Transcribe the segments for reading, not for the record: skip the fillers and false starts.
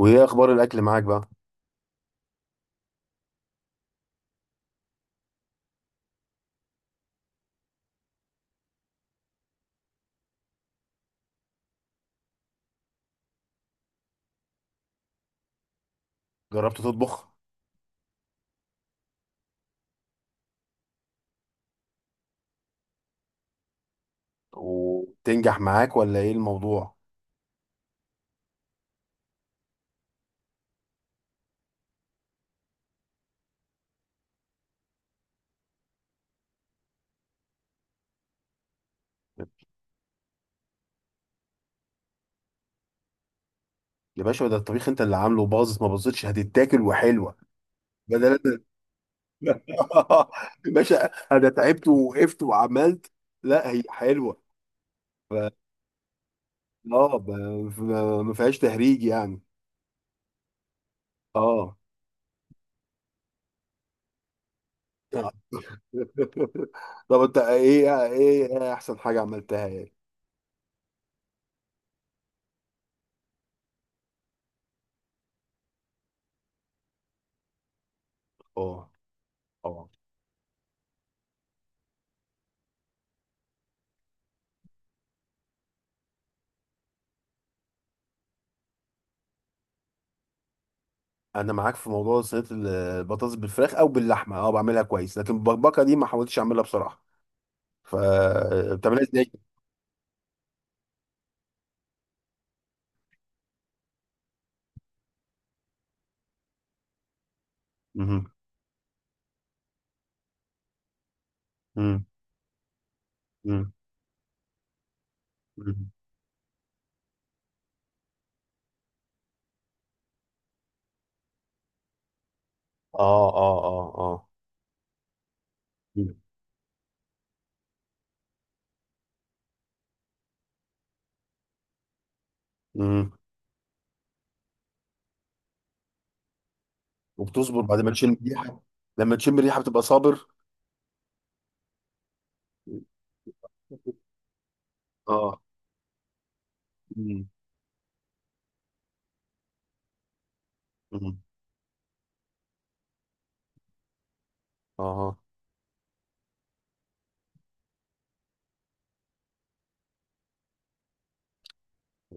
وايه اخبار الاكل معاك بقى؟ جربت تطبخ؟ وتنجح معاك ولا ايه الموضوع؟ يا باشا، ده الطبيخ انت اللي عامله، باظت ما باظتش هتتاكل وحلوه. بدل يا باشا، انا تعبت ووقفت وعملت. لا، هي حلوه. ف... اه. ف- ما فيهاش تهريج يعني. اه. طب، انت ايه احسن حاجه عملتها؟ ايه؟ اه، اه. انا معاك في موضوع صينيه البطاطس بالفراخ او باللحمه. اه بعملها كويس. لكن البكبكه دي ما حاولتش اعملها بصراحه. ف بتعملها ازاي؟ مهم. مم. مم. مم. اه، اه، اه، اه. مم. مم. وبتصبر بعد ما تشم ريحه؟ لما تشم ريحه بتبقى صابر؟ اه. مم. مم. اه.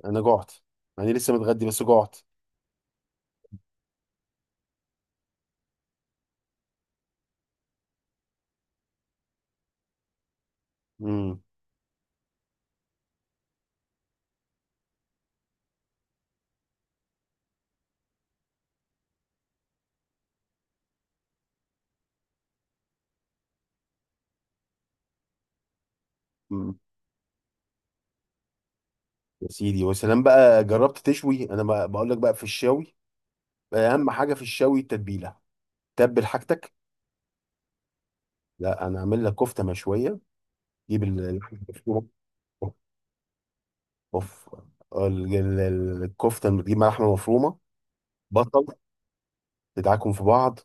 انا جعت، يعني لسه متغدي بس جعت. مم. مم. يا سيدي، وسلام بقى. جربت تشوي؟ انا بقول لك بقى، في الشاوي اهم حاجه في الشاوي التتبيله. تبل حاجتك. لا، انا اعمل لك كفته مشويه. جيب اللحمه المفرومه. اوف. الكفته، لما تجيب لحمه مفرومه، بصل، تدعكم في بعض،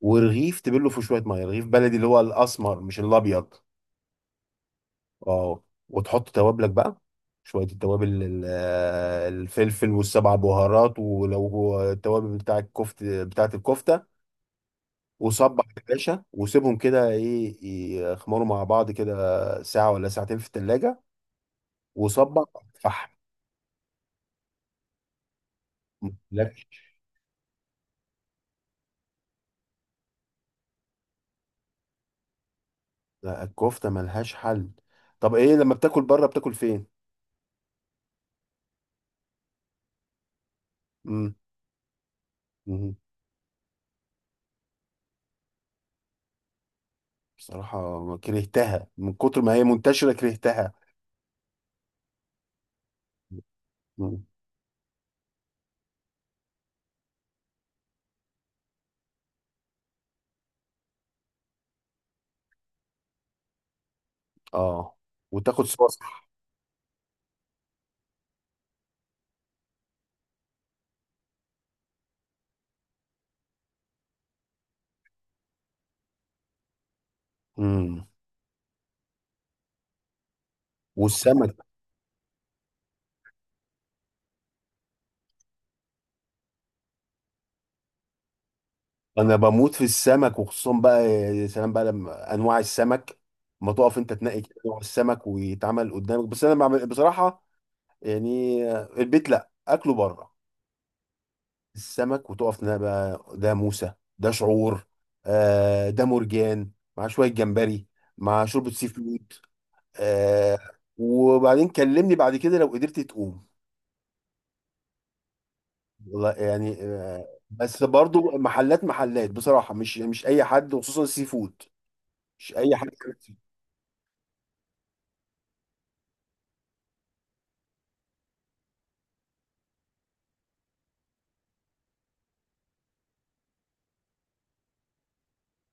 ورغيف تبله في شويه ميه، رغيف بلدي اللي هو الاسمر مش الابيض. اه. وتحط توابلك بقى، شويه التوابل الفلفل والسبع بهارات، ولو هو التوابل بتاع الكفته بتاعه الكفته. وصبع يا باشا. وسيبهم كده، ايه، يخمروا مع بعض كده ساعه ولا ساعتين في التلاجة. وصبع. فحم. لك. ده الكفتة ملهاش حل. طب ايه لما بتاكل بره، بتاكل فين؟ مم. مم. بصراحة كرهتها من كتر ما هي منتشرة، كرهتها. مم. اه. وتاخد صوص. مم. والسمك؟ انا بموت في السمك. وخصوصا بقى يا سلام بقى لما انواع السمك، ما تقف انت تنقي كده نوع السمك ويتعمل قدامك. بس انا بعمل بصراحة يعني البيت، لا اكله بره. السمك، وتقف بقى، ده موسى، ده شعور، آه، ده مرجان، مع شوية جمبري، مع شوربة سي فود. آه. وبعدين كلمني بعد كده، لو قدرت تقوم. والله يعني، بس برضو محلات محلات بصراحة مش أي حد، وخصوصا السي فود. مش أي حد.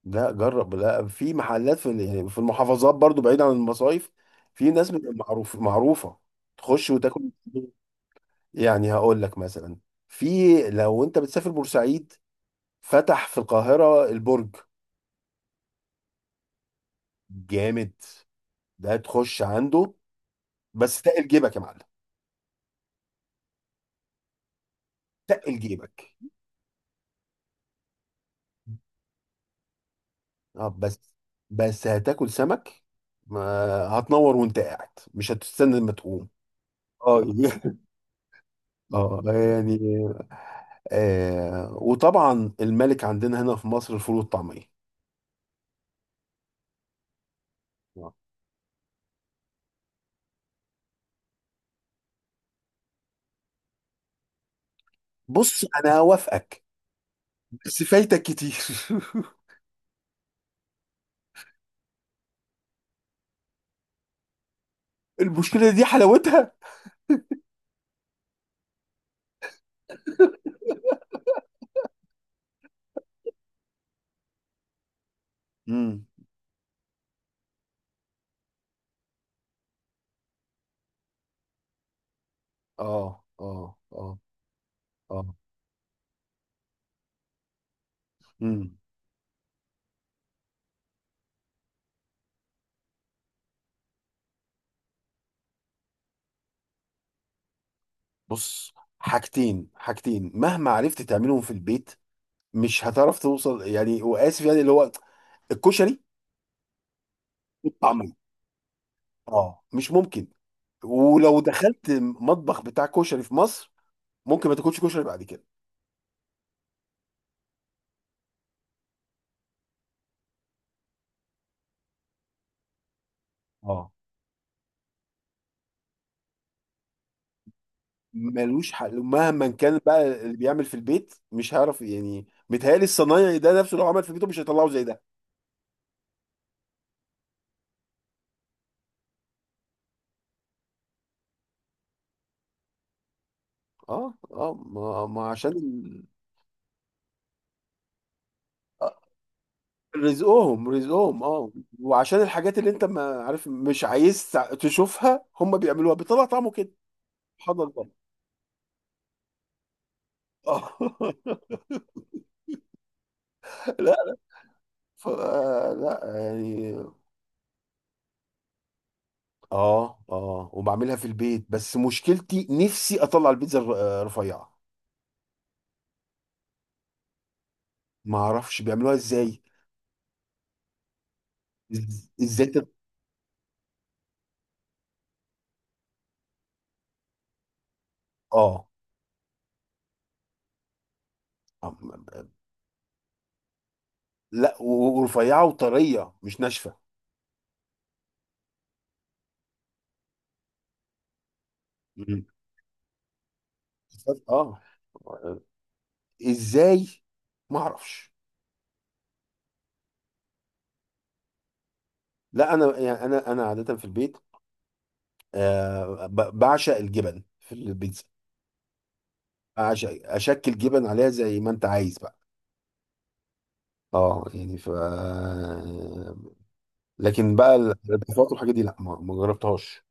لا جرب. لا، في محلات، في يعني في المحافظات برضو بعيد عن المصايف، في ناس بتبقى معروف معروفة، تخش وتاكل. يعني هقول لك مثلا. في، لو انت بتسافر بورسعيد، فتح في القاهرة البرج. جامد. ده تخش عنده، بس تقل جيبك يا معلم. تقل جيبك. اه، بس هتاكل سمك. ما هتنور وانت قاعد، مش هتستنى لما تقوم. اه. اه يعني، وطبعا الملك عندنا هنا في مصر، الفول والطعمية. آه. بص، انا هوافقك. بس فايتك كتير. المشكلة دي حلاوتها. مم. اه، اه، اه، اه. امم. بص، حاجتين. حاجتين مهما عرفت تعملهم في البيت مش هتعرف توصل، يعني، واسف، يعني اللي هو الكشري والطعمية. اه، مش ممكن. ولو دخلت مطبخ بتاع كشري في مصر ممكن ما تاكلش كشري بعد كده. اه، ملوش حل. مهما كان بقى اللي بيعمل في البيت مش هيعرف، يعني متهيألي الصنايعي ده نفسه لو عمل في بيته مش هيطلعه زي ده. اه، اه. ما عشان رزقهم. رزقهم. اه. وعشان الحاجات اللي انت ما عارف مش عايز تشوفها، هم بيعملوها بيطلع طعمه كده. سبحان الله. اه. لا. ف... لا، يعني. اه، اه، وبعملها في البيت. بس مشكلتي نفسي اطلع البيتزا رفيعه. ما اعرفش بيعملوها ازاي. ازاي اه. آه، لا، ورفيعه وطريه، مش ناشفه. مم. اه. ازاي؟ ما اعرفش. لا، انا، يعني، انا عاده في البيت، بعشق الجبن في البيتزا. بعشق اشكل جبن عليها زي ما انت عايز بقى. اه يعني، ف، لكن بقى الاضافات والحاجات دي لا ما جربتهاش.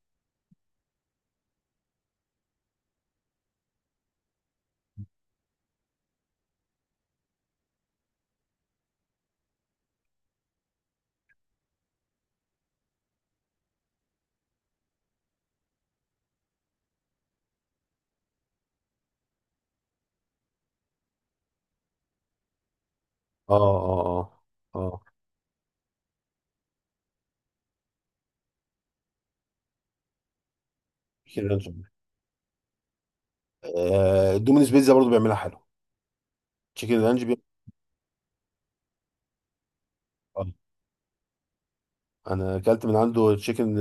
اه، اه، اه، اه. تشيكن رانش. آه، دومينيز بيتزا برضو بيعملها حلو. تشيكن رانش آه. انا اكلت من عنده تشيكن.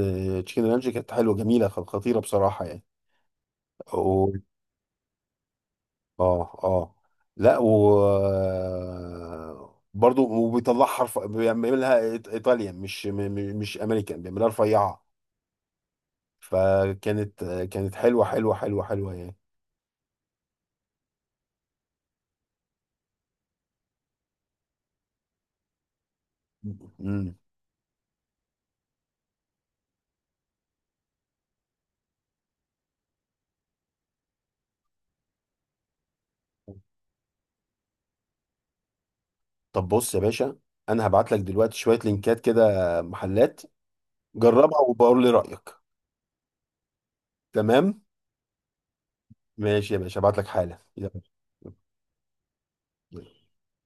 تشيكن رانش كانت حلوه جميله، خطيره بصراحه يعني. اه، اه، لا، و برضه وبيطلع حرف بيعملها ايطاليا، مش مش امريكان بيعملها رفيعه. فكانت حلوه حلوه حلوه حلوه يعني. امم. طب بص يا باشا، انا هبعت لك دلوقتي شويه لينكات كده محلات. جربها وبقول لي رايك. تمام. ماشي يا باشا، هبعت لك حالا. يلا.